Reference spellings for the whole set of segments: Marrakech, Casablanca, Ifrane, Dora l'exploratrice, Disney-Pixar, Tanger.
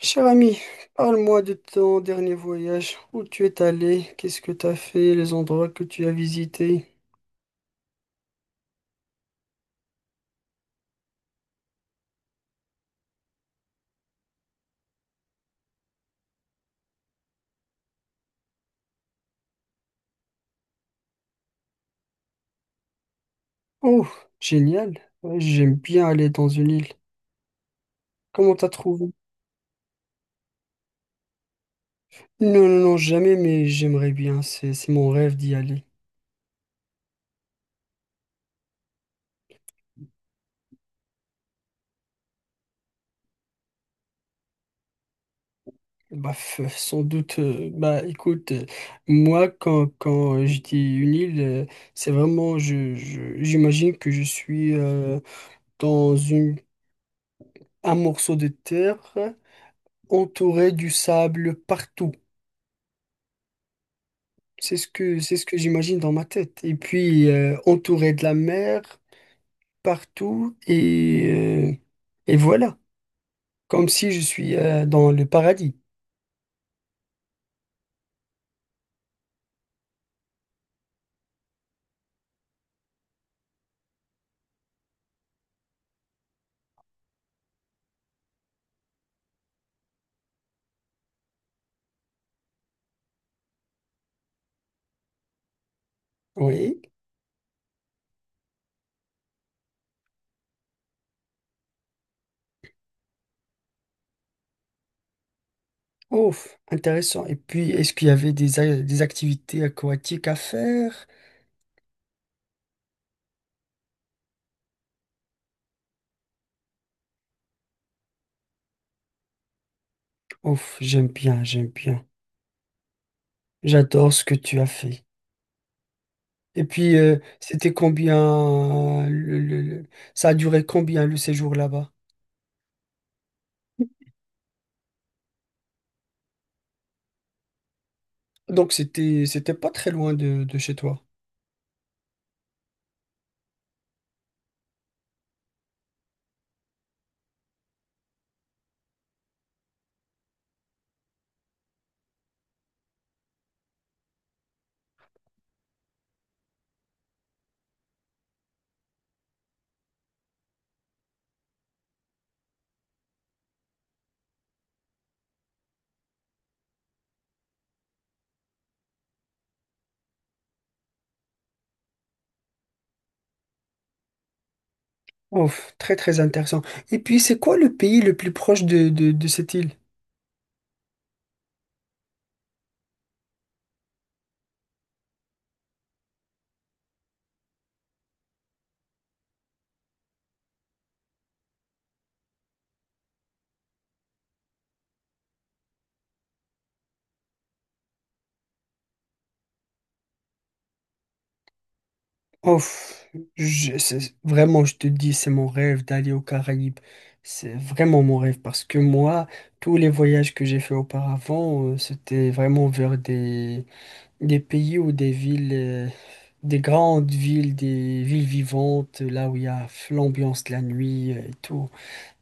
Cher ami, parle-moi de ton dernier voyage. Où tu es allé? Qu'est-ce que tu as fait? Les endroits que tu as visités? Oh, génial. Ouais, j'aime bien aller dans une île. Comment t'as trouvé? Non, non, non, jamais, mais j'aimerais bien. C'est mon rêve d'y aller. Bah, f- sans doute. Bah, écoute, moi, quand je dis une île, c'est vraiment, j'imagine que je suis dans une, un morceau de terre entouré du sable partout. C'est ce que j'imagine dans ma tête. Et puis, entouré de la mer partout, et voilà, comme si je suis dans le paradis. Oui, ouf, intéressant. Et puis, est-ce qu'il y avait des activités aquatiques à faire? Ouf, j'aime bien, j'aime bien. J'adore ce que tu as fait. Et puis, c'était combien, ça a duré combien le séjour là-bas? Donc, c'était pas très loin de chez toi. Ouf, très très intéressant. Et puis, c'est quoi le pays le plus proche de cette île? Ouf, vraiment, je te dis, c'est mon rêve d'aller aux Caraïbes. C'est vraiment mon rêve parce que moi, tous les voyages que j'ai fait auparavant, c'était vraiment vers des pays ou des villes, des grandes villes, des villes vivantes, là où il y a l'ambiance de la nuit et tout.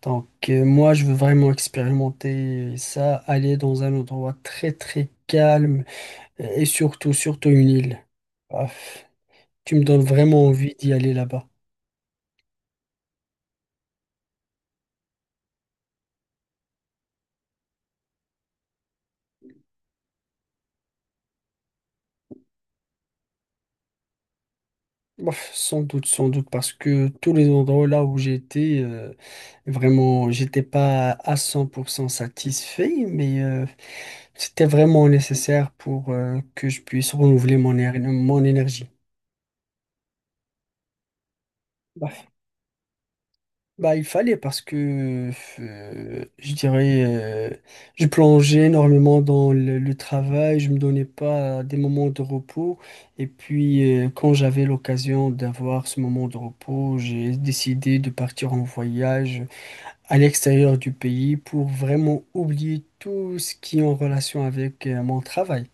Donc, moi, je veux vraiment expérimenter ça, aller dans un endroit très très calme. Et surtout, surtout une île. Paf. Tu me donnes vraiment envie d'y aller là-bas. Bof, sans doute, sans doute, parce que tous les endroits là où j'étais, vraiment, j'étais pas à 100% satisfait, mais c'était vraiment nécessaire pour que je puisse renouveler mon, éner- mon énergie. Bah, il fallait parce que je dirais, je plongeais énormément dans le travail, je me donnais pas des moments de repos. Et puis, quand j'avais l'occasion d'avoir ce moment de repos, j'ai décidé de partir en voyage à l'extérieur du pays pour vraiment oublier tout ce qui est en relation avec mon travail.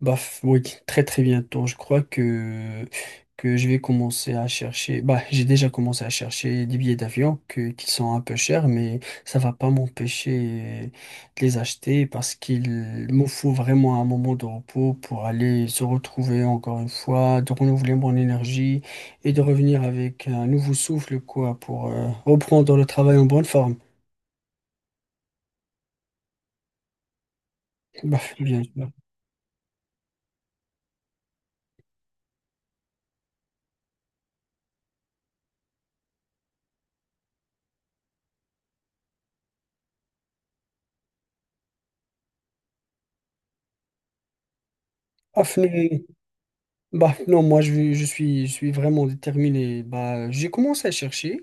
Bah, f- oui, très très bientôt. Je crois que je vais commencer à chercher. Bah, j'ai déjà commencé à chercher des billets d'avion qui sont un peu chers, mais ça va pas m'empêcher de les acheter parce qu'il me faut vraiment un moment de repos pour aller se retrouver encore une fois, de renouveler mon énergie et de revenir avec un nouveau souffle, quoi, pour reprendre le travail en bonne forme. Bah, bien sûr. Ah, bah non, je suis vraiment déterminé. Bah, j'ai commencé à chercher.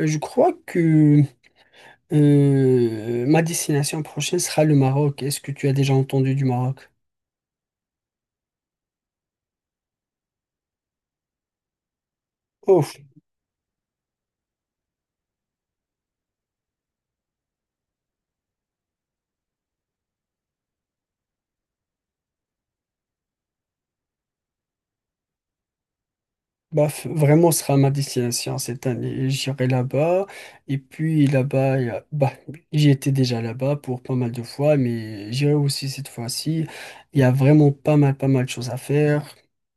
Je crois que ma destination prochaine sera le Maroc. Est-ce que tu as déjà entendu du Maroc? Bah, f- vraiment, ce sera ma destination cette année. J'irai là-bas. Et puis là-bas, il y a- bah, j'y étais déjà là-bas pour pas mal de fois, mais j'irai aussi cette fois-ci. Il y a vraiment pas mal de choses à faire.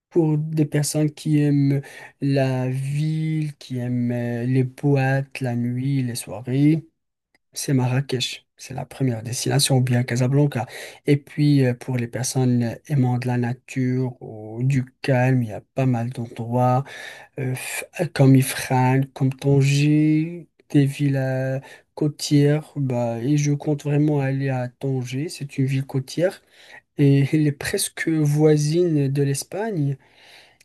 Pour des personnes qui aiment la ville, qui aiment les boîtes, la nuit, les soirées, c'est Marrakech. C'est la première destination, ou bien Casablanca. Et puis, pour les personnes aimant de la nature ou du calme, il y a pas mal d'endroits euh, f- comme Ifrane, comme Tanger, des villes côtières. Bah, et je compte vraiment aller à Tanger, c'est une ville côtière. Et elle est presque voisine de l'Espagne.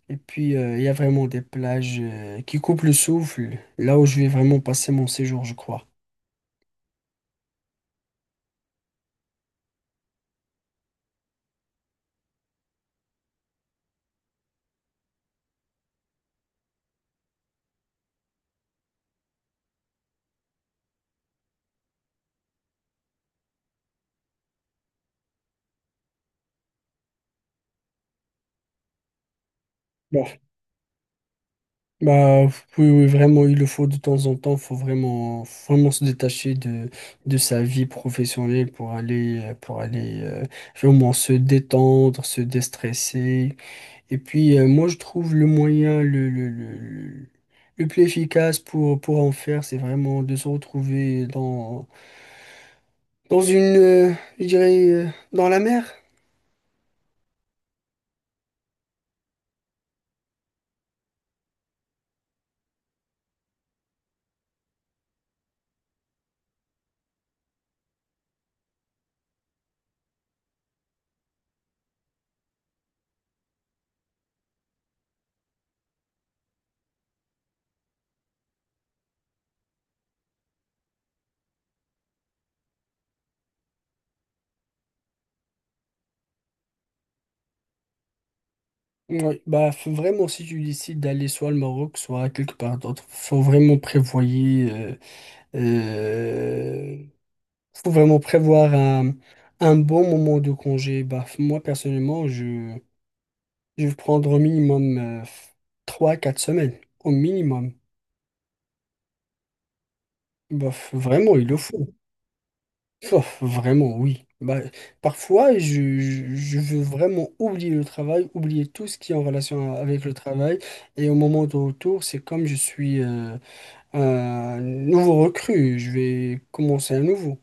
Et puis, il y a vraiment des plages qui coupent le souffle, là où je vais vraiment passer mon séjour, je crois. Bah, oui, oui, vraiment, il le faut de temps en temps. Faut vraiment, faut vraiment se détacher de sa vie professionnelle pour aller vraiment se détendre, se déstresser. Et puis, moi, je trouve le moyen le plus efficace pour en faire, c'est vraiment de se retrouver dans, dans une, je dirais, dans la mer. Ouais, bah faut vraiment si tu décides d'aller soit au Maroc, soit quelque part d'autre, faut vraiment prévoyer Euh, faut vraiment prévoir un bon moment de congé. Bah, moi, personnellement, je vais prendre au minimum 3 quatre semaines. Au minimum. Bah, vraiment, il le faut. Bah, vraiment, oui. Bah, parfois, je veux vraiment oublier le travail, oublier tout ce qui est en relation avec le travail. Et au moment de retour, c'est comme je suis un nouveau recrue. Je vais commencer à nouveau.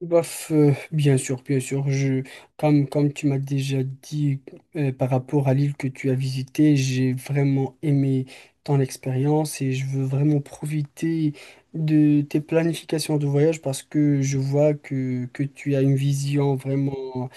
Bof, bien sûr, bien sûr. Je, comme, comme tu m'as déjà dit par rapport à l'île que tu as visitée, j'ai vraiment aimé ton expérience et je veux vraiment profiter de tes planifications de voyage parce que je vois que tu as une vision vraiment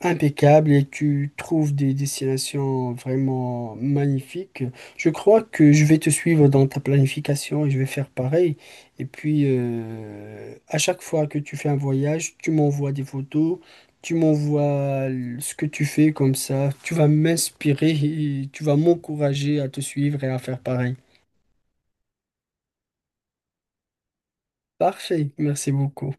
impeccable et tu trouves des destinations vraiment magnifiques. Je crois que je vais te suivre dans ta planification et je vais faire pareil. Et puis, à chaque fois que tu fais un voyage, tu m'envoies des photos, ce que tu fais comme ça. Tu vas m'inspirer et tu vas m'encourager à te suivre et à faire pareil. Parfait, merci beaucoup.